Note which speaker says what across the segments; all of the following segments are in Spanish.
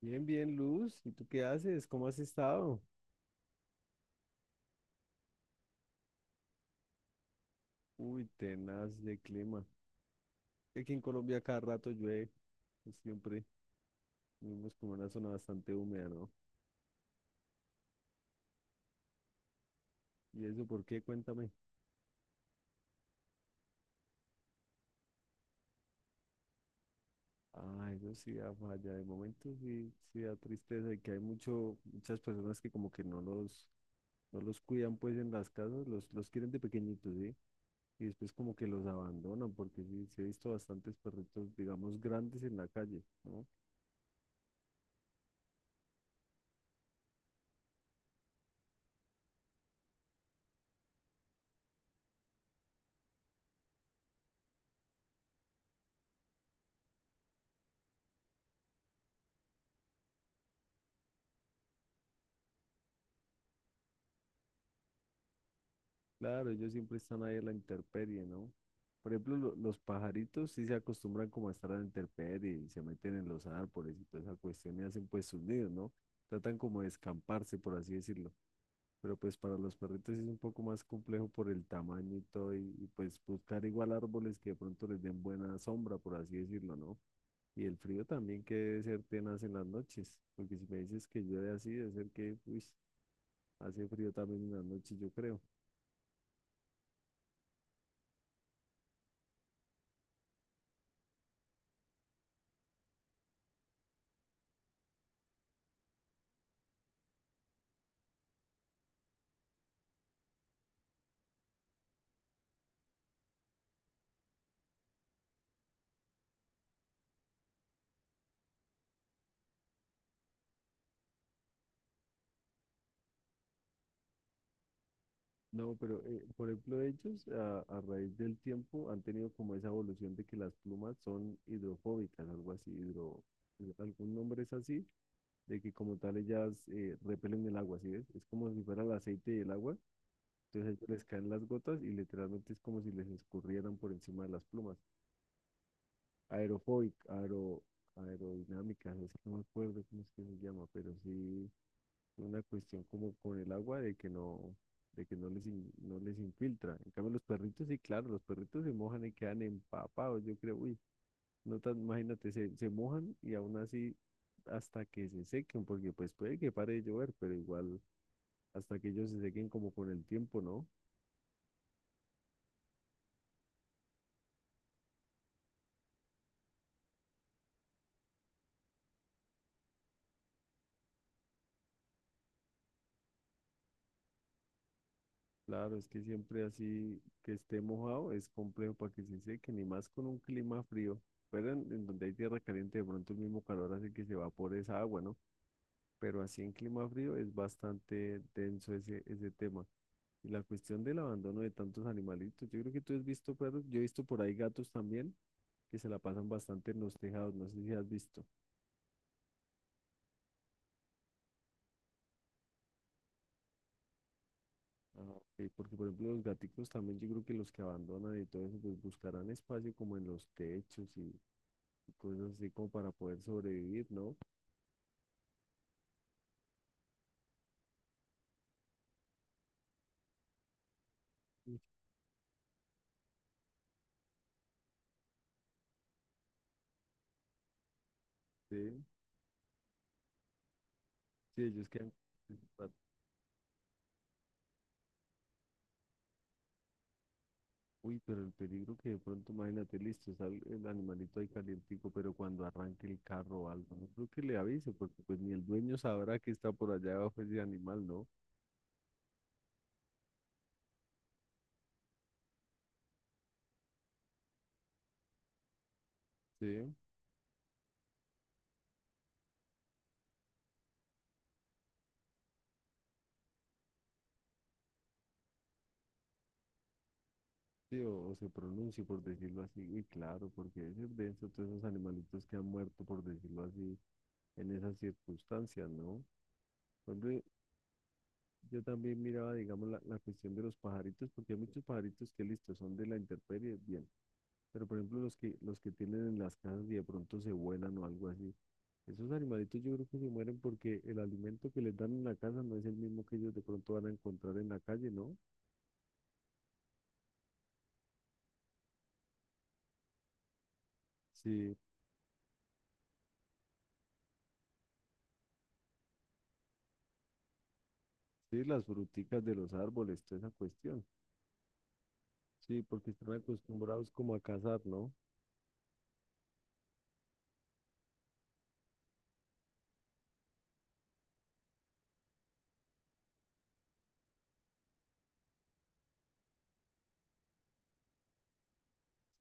Speaker 1: Bien, bien, Luz. ¿Y tú qué haces? ¿Cómo has estado? Uy, tenaz de clima. Aquí en Colombia cada rato llueve, pues siempre vivimos como en una zona bastante húmeda, ¿no? ¿Y eso por qué? Cuéntame. Ah, eso sí da falla. De momento sí, sí da tristeza y que hay mucho, muchas personas que como que no los cuidan pues en las casas, los quieren de pequeñitos, ¿sí? Y después como que los abandonan, porque sí, sí he visto bastantes perritos, digamos, grandes en la calle, ¿no? Claro, ellos siempre están ahí en la intemperie, ¿no? Por ejemplo, los pajaritos sí se acostumbran como a estar a la intemperie y se meten en los árboles y toda esa cuestión y hacen pues sus nidos, ¿no? Tratan como de escamparse, por así decirlo. Pero pues para los perritos sí es un poco más complejo por el tamaño y todo y pues buscar igual árboles que de pronto les den buena sombra, por así decirlo, ¿no? Y el frío también que debe ser tenaz en las noches, porque si me dices que llueve así, debe ser que, uy, hace frío también en las noches, yo creo. No, pero por ejemplo ellos a raíz del tiempo han tenido como esa evolución de que las plumas son hidrofóbicas, algo así, algún nombre es así, de que como tal ellas repelen el agua, ¿sí ves? Es como si fuera el aceite y el agua, entonces a ellos les caen las gotas y literalmente es como si les escurrieran por encima de las plumas. Aerofóbica, aero, Aerodinámicas, es que no me acuerdo cómo es que se llama, pero sí una cuestión como con el agua de que no les, no les infiltra. En cambio, los perritos, sí, claro, los perritos se mojan y quedan empapados, yo creo, uy, no tan, imagínate, se mojan y aún así hasta que se sequen, porque pues puede que pare de llover, pero igual hasta que ellos se sequen como con el tiempo, ¿no? Claro, es que siempre así que esté mojado es complejo para que se sequen, y más con un clima frío. Pero en donde hay tierra caliente, de pronto el mismo calor hace que se evapore esa agua, ¿no? Pero así en clima frío es bastante denso ese tema. Y la cuestión del abandono de tantos animalitos, yo creo que tú has visto perros, yo he visto por ahí gatos también que se la pasan bastante en los tejados, no sé si has visto. Ah, porque, por ejemplo, los gaticos también, yo creo que los que abandonan y todo eso, pues buscarán espacio como en los techos y cosas así como para poder sobrevivir, ¿no? Sí, sí, ellos quedan pues. Uy, pero el peligro que de pronto, imagínate, listo, sale el animalito ahí calientico, pero cuando arranque el carro o algo, no creo que le avise, porque pues ni el dueño sabrá que está por allá abajo ese animal, ¿no? Sí, sí, o se pronuncie, por decirlo así, y claro, porque es denso todos esos animalitos que han muerto, por decirlo así, en esas circunstancias, ¿no? Por ejemplo, yo también miraba, digamos, la cuestión de los pajaritos, porque hay muchos pajaritos que, listo, son de la intemperie, bien, pero por ejemplo, los que tienen en las casas y de pronto se vuelan o algo así. Esos animalitos yo creo que se mueren porque el alimento que les dan en la casa no es el mismo que ellos de pronto van a encontrar en la calle, ¿no? Sí, sí, las fruticas de los árboles, toda esa cuestión. Sí, porque están acostumbrados como a cazar, ¿no?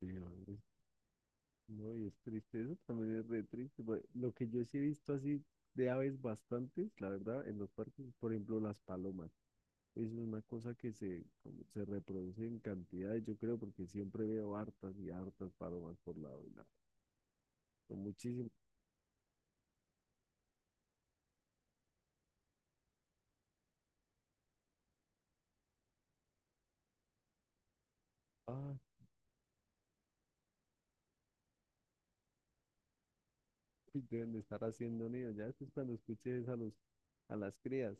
Speaker 1: Sí, no, es- no, y es triste, eso también es re triste. Pues, lo que yo sí he visto así de aves bastantes, la verdad, en los parques, por ejemplo, las palomas. Es una cosa que se, como se reproduce en cantidades, yo creo, porque siempre veo hartas y hartas palomas por lado y lado. Son muchísimas. Uy, deben de estar haciendo nido. Ya después cuando escuches a a las crías,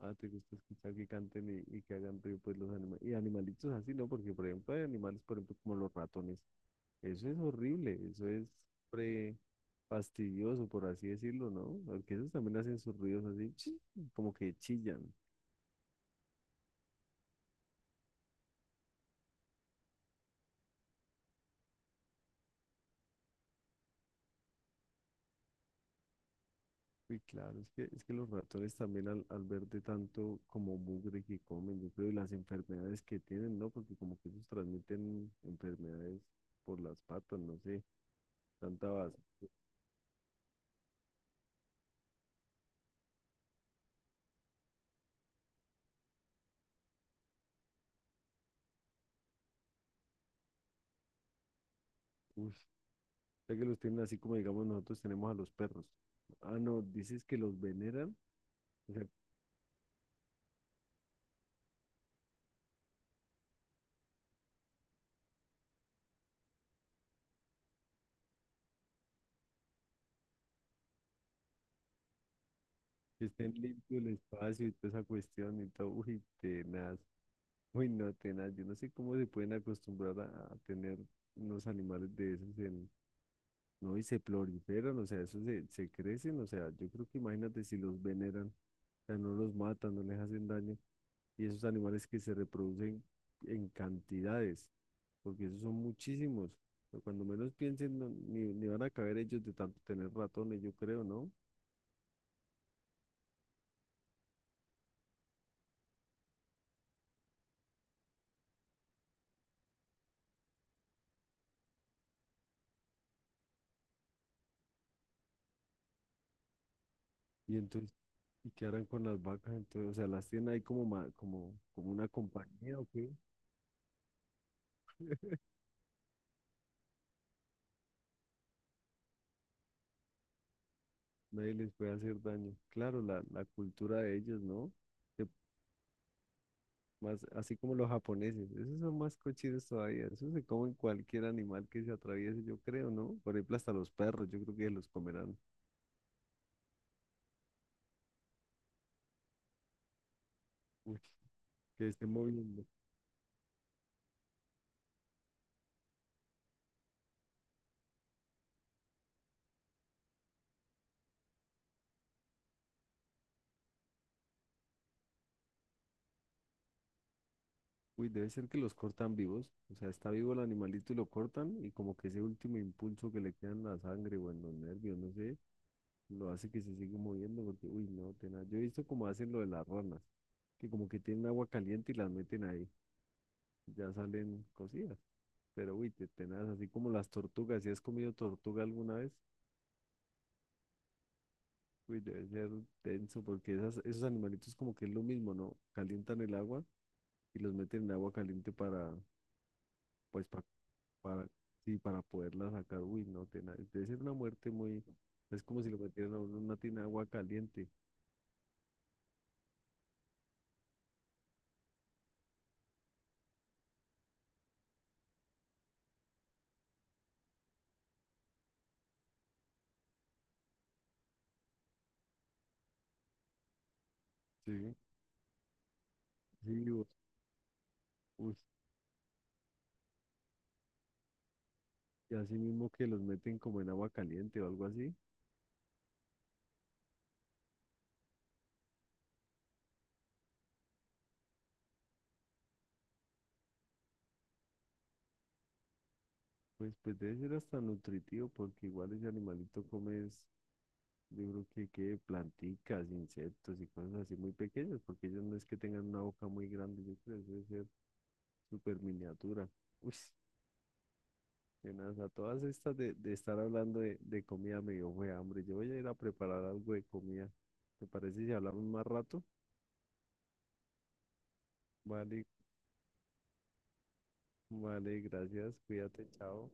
Speaker 1: ah, te gusta escuchar que canten y que hagan ruido pues los animales. Y animalitos así, ¿no? Porque por ejemplo hay animales, por ejemplo, como los ratones. Eso es horrible, eso es pre fastidioso, por así decirlo, ¿no? Porque esos también hacen sus ruidos así, chi, como que chillan. Uy, claro, es que los ratones también al ver de tanto como mugre que comen, yo creo, y las enfermedades que tienen, ¿no? Porque como que ellos transmiten enfermedades por las patas, no sé, tanta base. Uf, sé que los tienen así como digamos nosotros tenemos a los perros. Ah, no, dices que los veneran, o sea, que estén limpios el espacio y toda esa cuestión y todo, uy, tenaz, uy, no, tenaz, yo no sé cómo se pueden acostumbrar a tener unos animales de esos, ¿no? Y se proliferan, o sea, se crecen, o sea, yo creo que imagínate si los veneran, o sea, no los matan, no les hacen daño, y esos animales que se reproducen en cantidades, porque esos son muchísimos, pero cuando menos piensen, ni van a caber ellos de tanto tener ratones, yo creo, ¿no? Y entonces, y qué harán con las vacas, entonces, o sea, las tienen ahí como una compañía, ¿o qué? Nadie les puede hacer daño. Claro, la cultura de ellos, ¿no? Se más, así como los japoneses, esos son más cochinos todavía, esos se comen cualquier animal que se atraviese, yo creo, ¿no? Por ejemplo, hasta los perros, yo creo que los comerán. Uy, que estén moviendo. Uy, debe ser que los cortan vivos, o sea, está vivo el animalito y lo cortan y como que ese último impulso que le queda en la sangre o en los nervios, no sé, lo hace que se siga moviendo porque, uy, no, tenaz. Yo he visto como hacen lo de las ranas, que como que tienen agua caliente y las meten ahí, ya salen cocidas, pero uy, tenaz, así como las tortugas, ¿si has comido tortuga alguna vez? Uy, debe ser denso porque esas, esos animalitos como que es lo mismo, ¿no? Calientan el agua y los meten en agua caliente para, pues, pa- para, sí, para poderla sacar. Uy, no, debe ser una muerte muy, es como si lo metieran a uno en una tina de agua caliente. Sí. Sí, uy, y así mismo que los meten como en agua caliente o algo así, pues debe ser hasta nutritivo porque igual ese animalito come. Yo creo que planticas, insectos y cosas así muy pequeñas, porque ellos no es que tengan una boca muy grande, yo creo que debe ser súper miniatura. Uy, a todas estas de estar hablando de comida me dio fue hambre. Yo voy a ir a preparar algo de comida. ¿Te parece si hablamos más rato? Vale, vale, gracias, cuídate, chao.